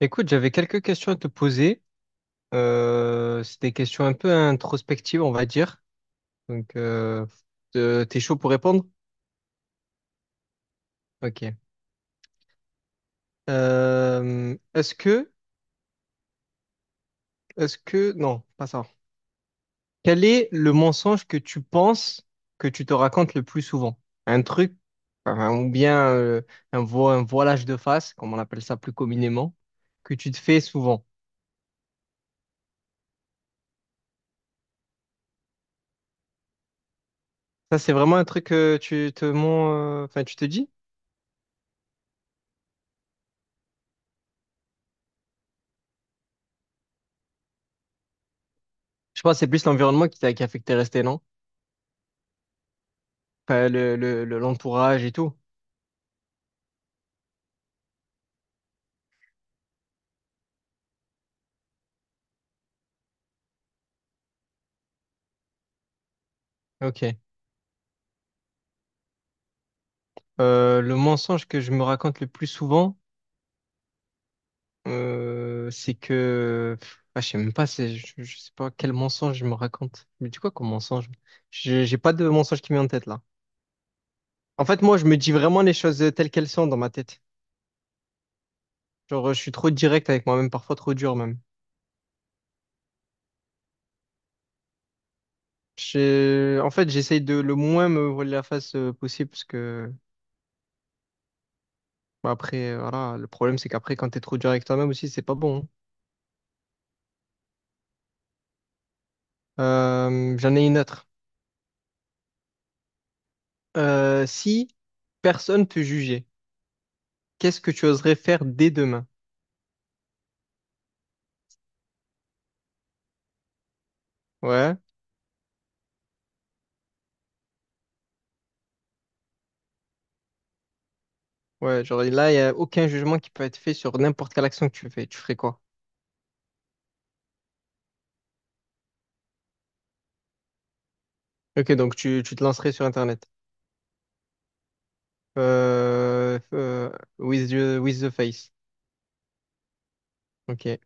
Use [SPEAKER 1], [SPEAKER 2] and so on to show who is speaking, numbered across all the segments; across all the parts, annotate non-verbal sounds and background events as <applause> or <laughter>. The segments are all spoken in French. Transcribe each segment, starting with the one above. [SPEAKER 1] Écoute, j'avais quelques questions à te poser. C'est des questions un peu introspectives, on va dire. Donc, t'es chaud pour répondre? Ok. Euh, est-ce que, non, pas ça. Quel est le mensonge que tu penses que tu te racontes le plus souvent? Un truc, enfin, ou bien un, un voilage de face, comme on appelle ça plus communément, que tu te fais souvent. Ça, c'est vraiment un truc que tu te mens, enfin, tu te dis? Je pense que c'est plus l'environnement qui a fait que t'es resté, non? Enfin, l'entourage et tout. Ok. Le mensonge que je me raconte le plus souvent, c'est que... pff, ah, je sais même pas, je sais pas quel mensonge je me raconte. Mais dis quoi comme mensonge? J'ai pas de mensonge qui me vient en tête là. En fait, moi, je me dis vraiment les choses telles qu'elles sont dans ma tête. Genre, je suis trop direct avec moi-même, parfois trop dur même. En fait, j'essaye de le moins me voiler la face possible parce que bah, après, voilà, le problème c'est qu'après, quand t'es trop dur avec toi-même aussi, c'est pas bon, hein. J'en ai une autre. Si personne te jugeait, qu'est-ce que tu oserais faire dès demain? Ouais, ouais, genre là, il n'y a aucun jugement qui peut être fait sur n'importe quelle action que tu fais. Tu ferais quoi? Ok, donc tu te lancerais sur Internet. Euh, euh, with the face. Ok.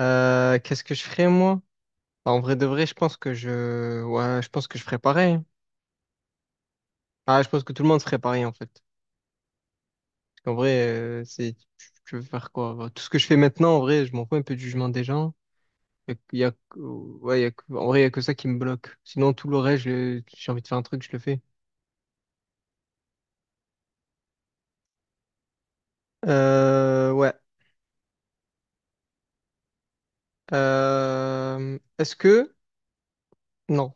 [SPEAKER 1] Qu'est-ce que je ferais, moi? Bah, en vrai de vrai, je pense que ouais, je pense que je ferais pareil, hein. Ah, je pense que tout le monde ferait pareil, en fait. Parce qu'en vrai, c'est, tu veux faire quoi? Bah, tout ce que je fais maintenant, en vrai, je m'en fous un peu du jugement des gens. Ouais, en vrai, il n'y a que ça qui me bloque. Sinon, tout le reste, j'ai envie de faire un truc, je le fais. Ouais. Euh, est-ce que... Non.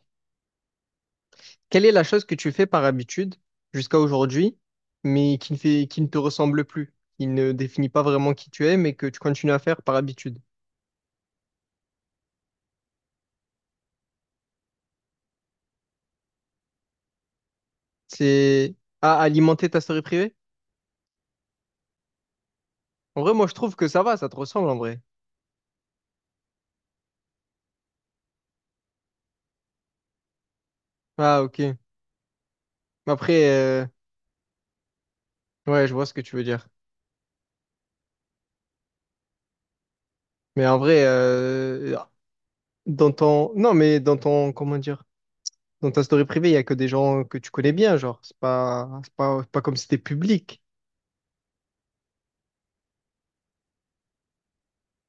[SPEAKER 1] Quelle est la chose que tu fais par habitude jusqu'à aujourd'hui, mais qui ne te ressemble plus, qui ne définit pas vraiment qui tu es, mais que tu continues à faire par habitude? C'est à alimenter ta story privée? En vrai, moi, je trouve que ça va, ça te ressemble en vrai. Ah, ok. Mais après, ouais, je vois ce que tu veux dire. Mais en vrai, dans ton... Non, mais dans ton... Comment dire? Dans ta story privée, il y a que des gens que tu connais bien, genre. C'est pas comme si c'était public.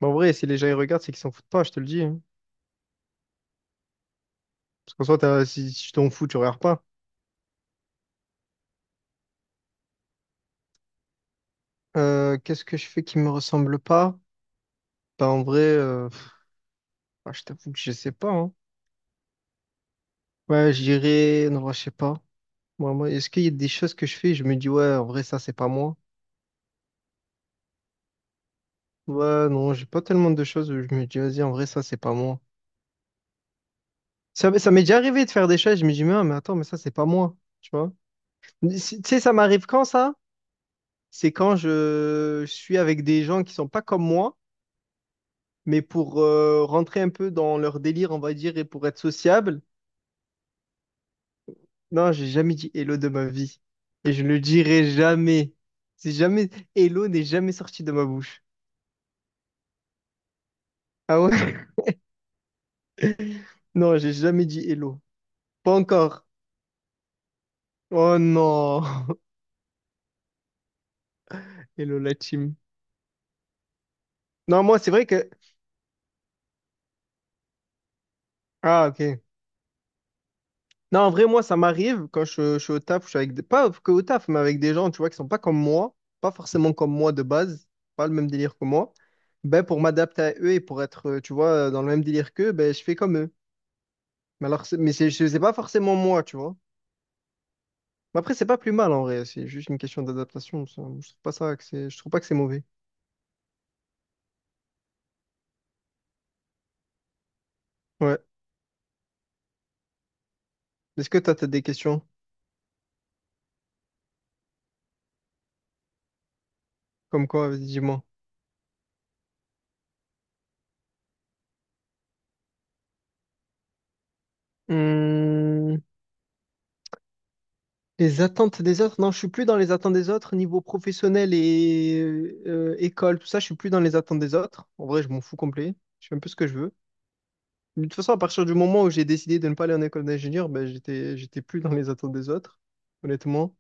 [SPEAKER 1] Mais en vrai, si les gens ils regardent, c'est qu'ils s'en foutent pas, je te le dis, hein. Parce qu'en soi, si tu t'en fous, tu regardes pas. Qu'est-ce que je fais qui me ressemble pas? Bah, en vrai, pff, ah, je t'avoue que je sais pas, hein. Ouais, je dirais... Non, je sais pas. Moi, est-ce qu'il y a des choses que je fais, je me dis, ouais, en vrai, ça, c'est pas moi. Ouais, non, j'ai pas tellement de choses où je me dis, vas-y, en vrai, ça, c'est pas moi. Ça m'est déjà arrivé de faire des choses, je me dis, mais, ah, mais attends, mais ça, c'est pas moi, tu vois. Tu sais, ça m'arrive quand ça? C'est quand je suis avec des gens qui sont pas comme moi, mais pour rentrer un peu dans leur délire, on va dire, et pour être sociable. Non, j'ai jamais dit hello de ma vie. Et je ne le dirai jamais. C'est jamais, hello n'est jamais sorti de ma bouche. Ah ouais? <laughs> Non, j'ai jamais dit hello. Pas encore. Oh non. <laughs> Hello la team. Non, moi, c'est vrai que. Ah, ok. Non, en vrai, moi, ça m'arrive quand je suis au taf, je suis avec des... pas que au taf, mais avec des gens, tu vois, qui sont pas comme moi, pas forcément comme moi de base, pas le même délire que moi. Ben, pour m'adapter à eux et pour être, tu vois, dans le même délire qu'eux, ben, je fais comme eux. C'est pas forcément moi, tu vois. Mais après, c'est pas plus mal, en vrai, c'est juste une question d'adaptation, ça. Je trouve pas que c'est mauvais. Ouais. Est-ce que toi, t'as des questions? Comme quoi, vas-y, dis-moi. Hmm. Les attentes des autres? Non, je suis plus dans les attentes des autres niveau professionnel et école, tout ça. Je suis plus dans les attentes des autres. En vrai, je m'en fous complet. Je fais un peu ce que je veux. Mais de toute façon, à partir du moment où j'ai décidé de ne pas aller en école d'ingénieur, ben, j'étais plus dans les attentes des autres, honnêtement.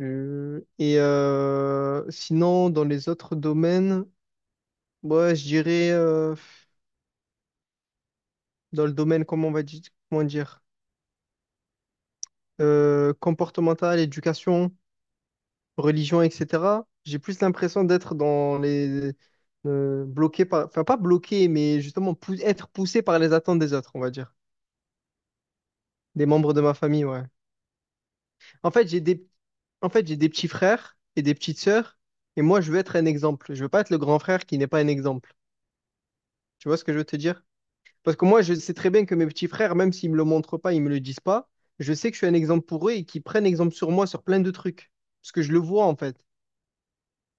[SPEAKER 1] Et sinon, dans les autres domaines, ouais, je dirais dans le domaine, comment on va dire, comment dire, comportemental, éducation, religion, etc., j'ai plus l'impression d'être dans les... bloqué par... Enfin, pas bloqué, mais justement être poussé par les attentes des autres, on va dire. Des membres de ma famille, ouais. En fait, j'ai des... En fait, j'ai des petits frères et des petites sœurs, et moi, je veux être un exemple. Je veux pas être le grand frère qui n'est pas un exemple. Tu vois ce que je veux te dire? Parce que moi, je sais très bien que mes petits frères, même s'ils me le montrent pas, ils me le disent pas, je sais que je suis un exemple pour eux et qu'ils prennent exemple sur moi sur plein de trucs. Parce que je le vois, en fait.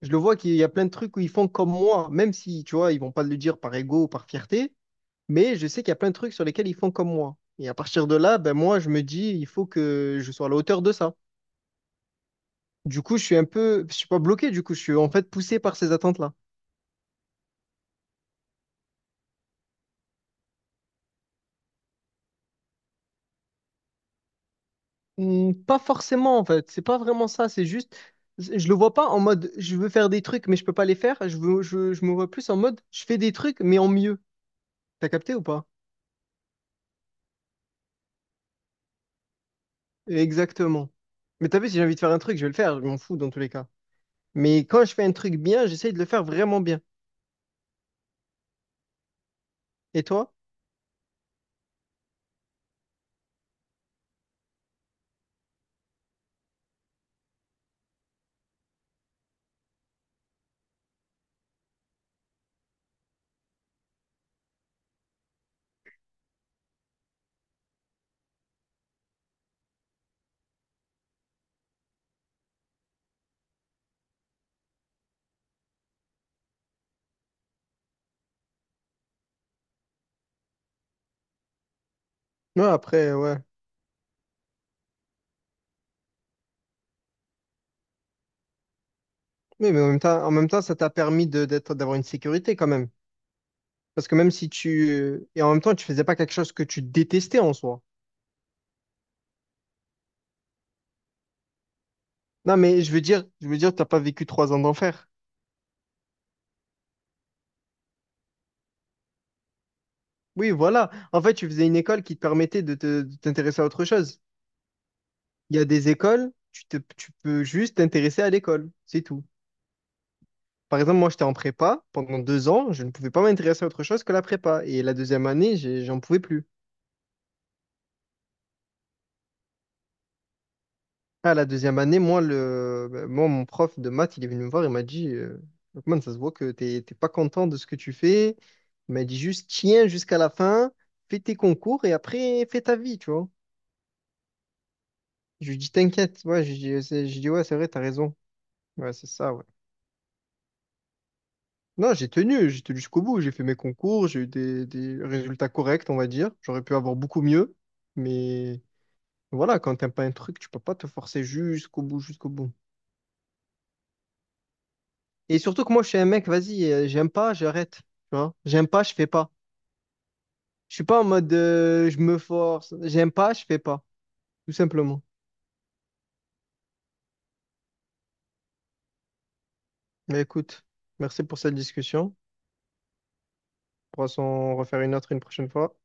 [SPEAKER 1] Je le vois qu'il y a plein de trucs où ils font comme moi, même si, tu vois, ils vont pas le dire par ego ou par fierté, mais je sais qu'il y a plein de trucs sur lesquels ils font comme moi. Et à partir de là, ben moi, je me dis, il faut que je sois à la hauteur de ça. Du coup, je suis pas bloqué, du coup, je suis en fait poussé par ces attentes-là. Hmm, pas forcément, en fait. C'est pas vraiment ça. C'est juste, je le vois pas en mode, je veux faire des trucs, mais je peux pas les faire. Je me vois plus en mode, je fais des trucs, mais en mieux. T'as capté ou pas? Exactement. Mais t'as vu, si j'ai envie de faire un truc, je vais le faire. Je m'en fous dans tous les cas. Mais quand je fais un truc bien, j'essaye de le faire vraiment bien. Et toi? Non, après, ouais. Oui, mais en même temps, ça t'a permis d'avoir une sécurité quand même. Parce que même si et en même temps, tu faisais pas quelque chose que tu détestais en soi. Non, mais je veux dire, t'as pas vécu 3 ans d'enfer. Oui, voilà. En fait, tu faisais une école qui te permettait de t'intéresser à autre chose. Il y a des écoles, tu peux juste t'intéresser à l'école. C'est tout. Par exemple, moi, j'étais en prépa. Pendant 2 ans, je ne pouvais pas m'intéresser à autre chose que la prépa. Et la deuxième année, j'en pouvais plus. À la deuxième année, moi, mon prof de maths, il est venu me voir, il m'a dit, Lokman, ça se voit que t'es pas content de ce que tu fais. Il m'a dit juste, tiens jusqu'à la fin, fais tes concours et après, fais ta vie, tu vois. Je lui dis, t'inquiète, ouais, je dis, je dis, ouais, c'est vrai, t'as raison. Ouais, c'est ça, ouais. Non, j'ai tenu jusqu'au bout, j'ai fait mes concours, j'ai eu des résultats corrects, on va dire. J'aurais pu avoir beaucoup mieux, mais voilà, quand t'aimes pas un truc, tu peux pas te forcer jusqu'au bout, jusqu'au bout. Et surtout que moi, je suis un mec, vas-y, j'aime pas, j'arrête. Tu vois? J'aime pas, je fais pas. Je suis pas en mode je me force. J'aime pas, je fais pas. Tout simplement. Mais écoute, merci pour cette discussion. On pourra s'en refaire une autre une prochaine fois.